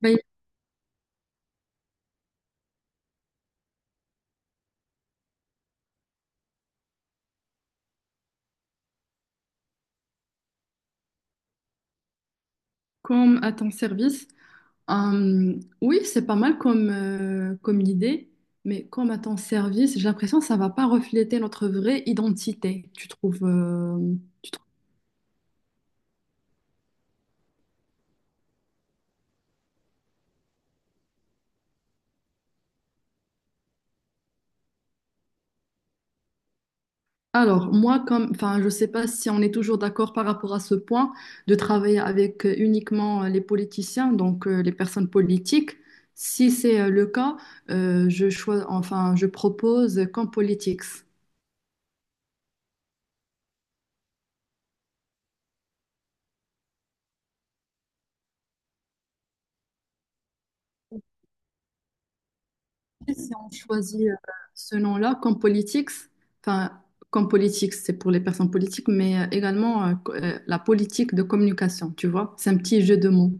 Ben, Comme à ton service. Hum, oui, c'est pas mal comme, comme idée, mais comme à ton service, j'ai l'impression que ça va pas refléter notre vraie identité, tu trouves Alors, moi, comme, enfin, je sais pas si on est toujours d'accord par rapport à ce point de travailler avec uniquement les politiciens, donc les personnes politiques. Si c'est le cas, enfin, je propose comme politics. Si on choisit ce nom-là, comme politics, enfin, comme politics, c'est pour les personnes politiques, mais également la politique de communication, tu vois, c'est un petit jeu de mots.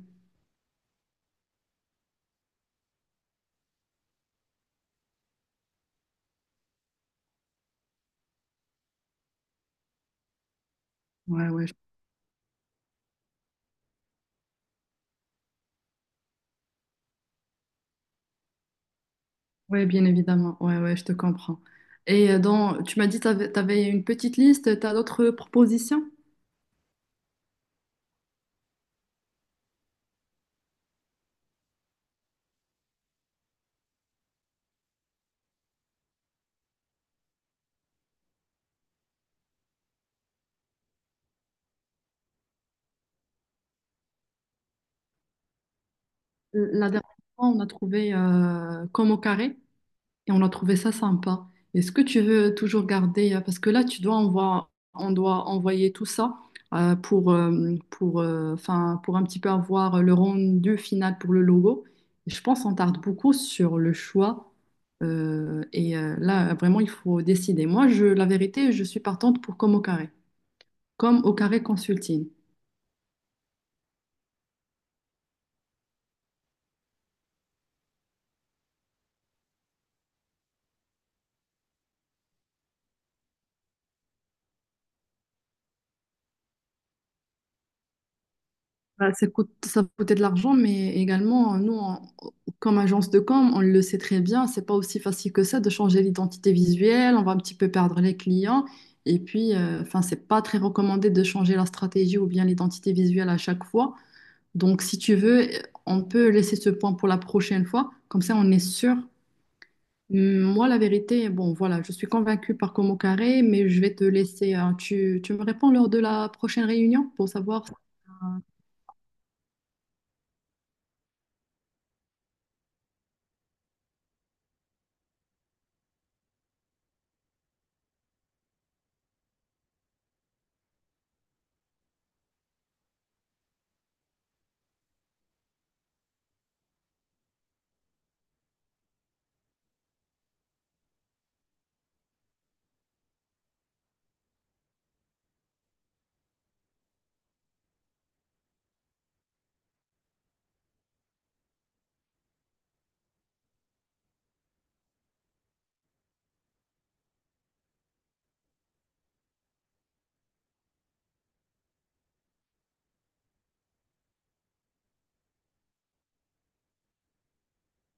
Ouais, ouais, je- ouais, bien évidemment, ouais, ouais, je te comprends. Et dans, tu m'as dit, tu avais, une petite liste, tu as d'autres propositions? La dernière fois, on a trouvé comme au carré. Et on a trouvé ça sympa. Est-ce que tu veux toujours garder, parce que là, tu dois envoyer, on doit envoyer tout ça pour, 'fin, pour un petit peu avoir le rendu final pour le logo. Et je pense qu'on tarde beaucoup sur le choix. Et là, vraiment, il faut décider. Moi, je, la vérité, je suis partante pour comme au carré consulting. Bah, ça coûte, ça coûtait de l'argent, mais également, comme agence de com, on le sait très bien, c'est pas aussi facile que ça de changer l'identité visuelle, on va un petit peu perdre les clients, et puis, enfin, c'est pas très recommandé de changer la stratégie ou bien l'identité visuelle à chaque fois. Donc, si tu veux, on peut laisser ce point pour la prochaine fois, comme ça, on est sûr. Moi, la vérité, bon, voilà, je suis convaincue par Como Carré, mais je vais te laisser, hein. Tu me réponds lors de la prochaine réunion pour savoir si c'est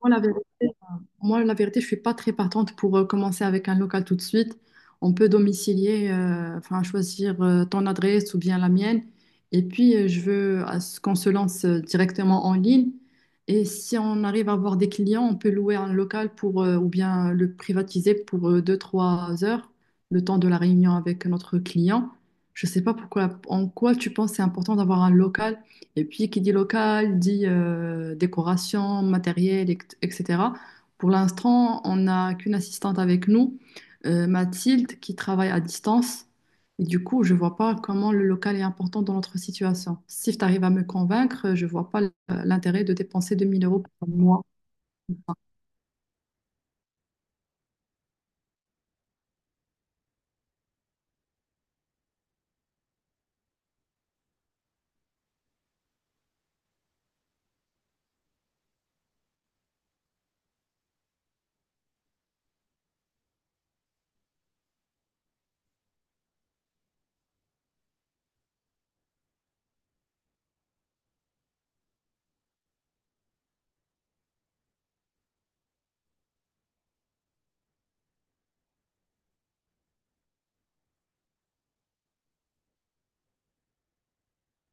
quoi la vérité. Moi, la vérité, je suis pas très partante pour commencer avec un local tout de suite. On peut domicilier, enfin choisir ton adresse ou bien la mienne. Et puis, je veux à ce qu'on se lance directement en ligne. Et si on arrive à avoir des clients, on peut louer un local pour, ou bien le privatiser pour 2-3 heures, le temps de la réunion avec notre client. Je sais pas pourquoi, en quoi tu penses c'est important d'avoir un local. Et puis, qui dit local, dit décoration, matériel, etc. Pour l'instant, on n'a qu'une assistante avec nous, Mathilde, qui travaille à distance. Et du coup, je ne vois pas comment le local est important dans notre situation. Si tu arrives à me convaincre, je ne vois pas l'intérêt de dépenser 2 000 € par mois.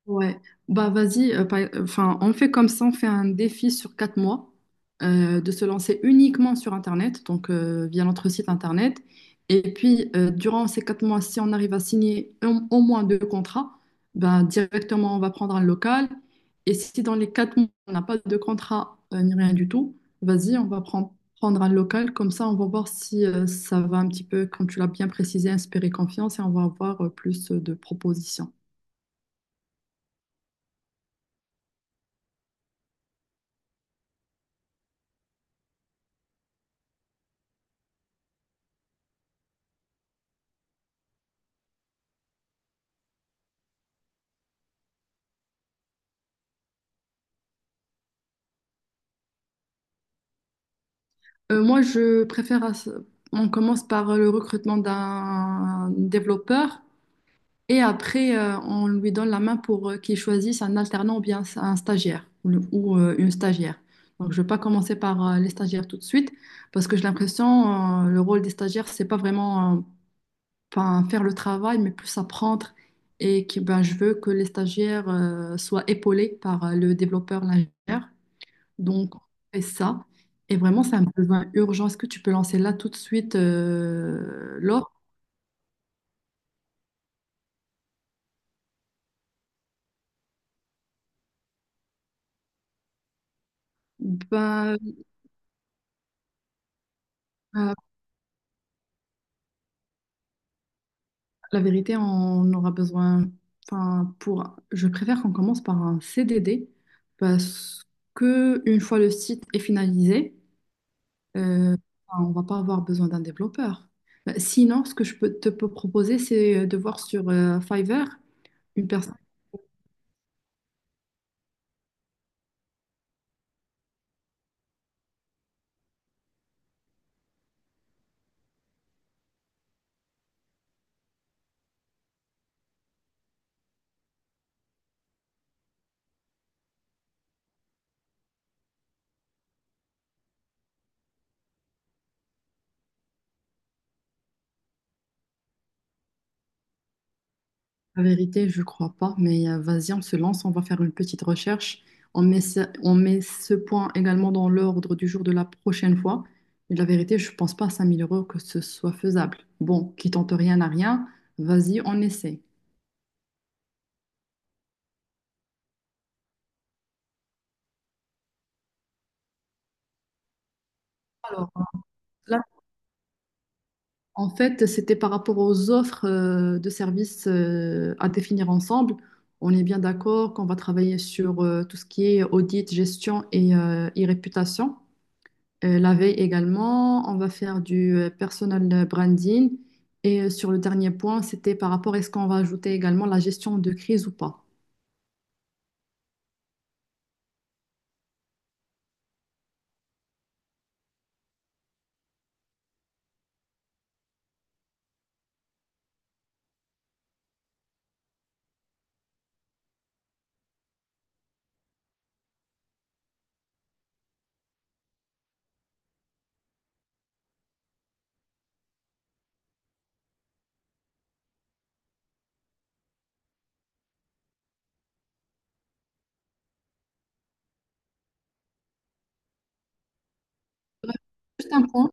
Ouais, bah vas-y, enfin, on fait comme ça, on fait un défi sur 4 mois de se lancer uniquement sur Internet, donc via notre site Internet. Et puis, durant ces 4 mois, si on arrive à signer au moins deux contrats, ben, directement, on va prendre un local. Et si dans les 4 mois, on n'a pas de contrat ni rien du tout, vas-y, on va prendre, prendre un local. Comme ça, on va voir si ça va un petit peu, comme tu l'as bien précisé, inspirer confiance et on va avoir plus de propositions. Moi, je préfère, on commence par le recrutement d'un développeur et après, on lui donne la main pour qu'il choisisse un alternant ou bien un stagiaire ou une stagiaire. Donc, je ne vais pas commencer par les stagiaires tout de suite parce que j'ai l'impression, le rôle des stagiaires, c'est pas vraiment enfin, faire le travail, mais plus apprendre. Et que, ben, je veux que les stagiaires soient épaulés par le développeur, l'ingénieur. Donc, on fait ça. Et vraiment, c'est un besoin urgent. Est-ce que tu peux lancer là tout de suite l'offre? Ben, euh, la vérité, on aura besoin. Enfin, pour, je préfère qu'on commence par un CDD parce que une fois le site est finalisé, euh, enfin, on va pas avoir besoin d'un développeur. Ben, sinon, ce que je peux te peux proposer, c'est de voir sur Fiverr une personne. La vérité, je crois pas, mais vas-y, on se lance, on va faire une petite recherche. On met ce point également dans l'ordre du jour de la prochaine fois. Et la vérité, je pense pas à 5 000 € que ce soit faisable. Bon, qui tente rien n'a rien, vas-y, on essaie. Alors, là, en fait, c'était par rapport aux offres de services à définir ensemble. On est bien d'accord qu'on va travailler sur tout ce qui est audit, gestion et réputation. La veille également, on va faire du personal branding. Et sur le dernier point, c'était par rapport à est-ce qu'on va ajouter également la gestion de crise ou pas. Bref, juste un point.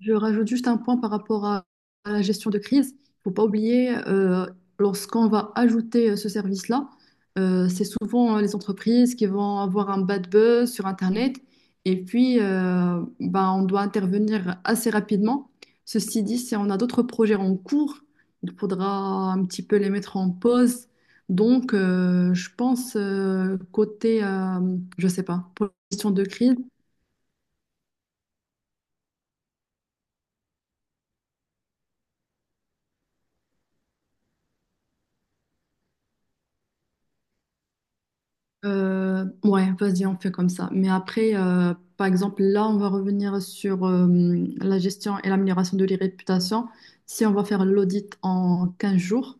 Je rajoute juste un point par rapport à la gestion de crise. Il faut pas oublier, lorsqu'on va ajouter ce service-là, c'est souvent les entreprises qui vont avoir un bad buzz sur Internet. Et puis, bah, on doit intervenir assez rapidement. Ceci dit, si on a d'autres projets en cours, il faudra un petit peu les mettre en pause. Donc, je pense, côté, je sais pas, pour la gestion de crise, Ouais, vas-y, on fait comme ça. Mais après, par exemple, là, on va revenir sur la gestion et l'amélioration de l'irréputation. Si on va faire l'audit en 15 jours,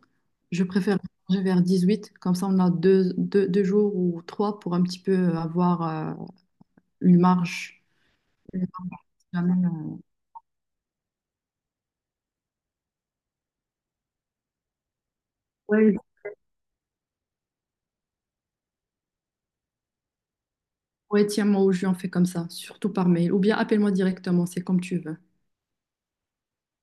je préfère changer vers huit. Comme ça, on a deux jours ou trois pour un petit peu avoir euh, une marge. Une marge, jamais, ouais, ouais, tiens-moi au jus, on fait comme ça, surtout par mail. Ou bien appelle-moi directement, c'est comme tu veux.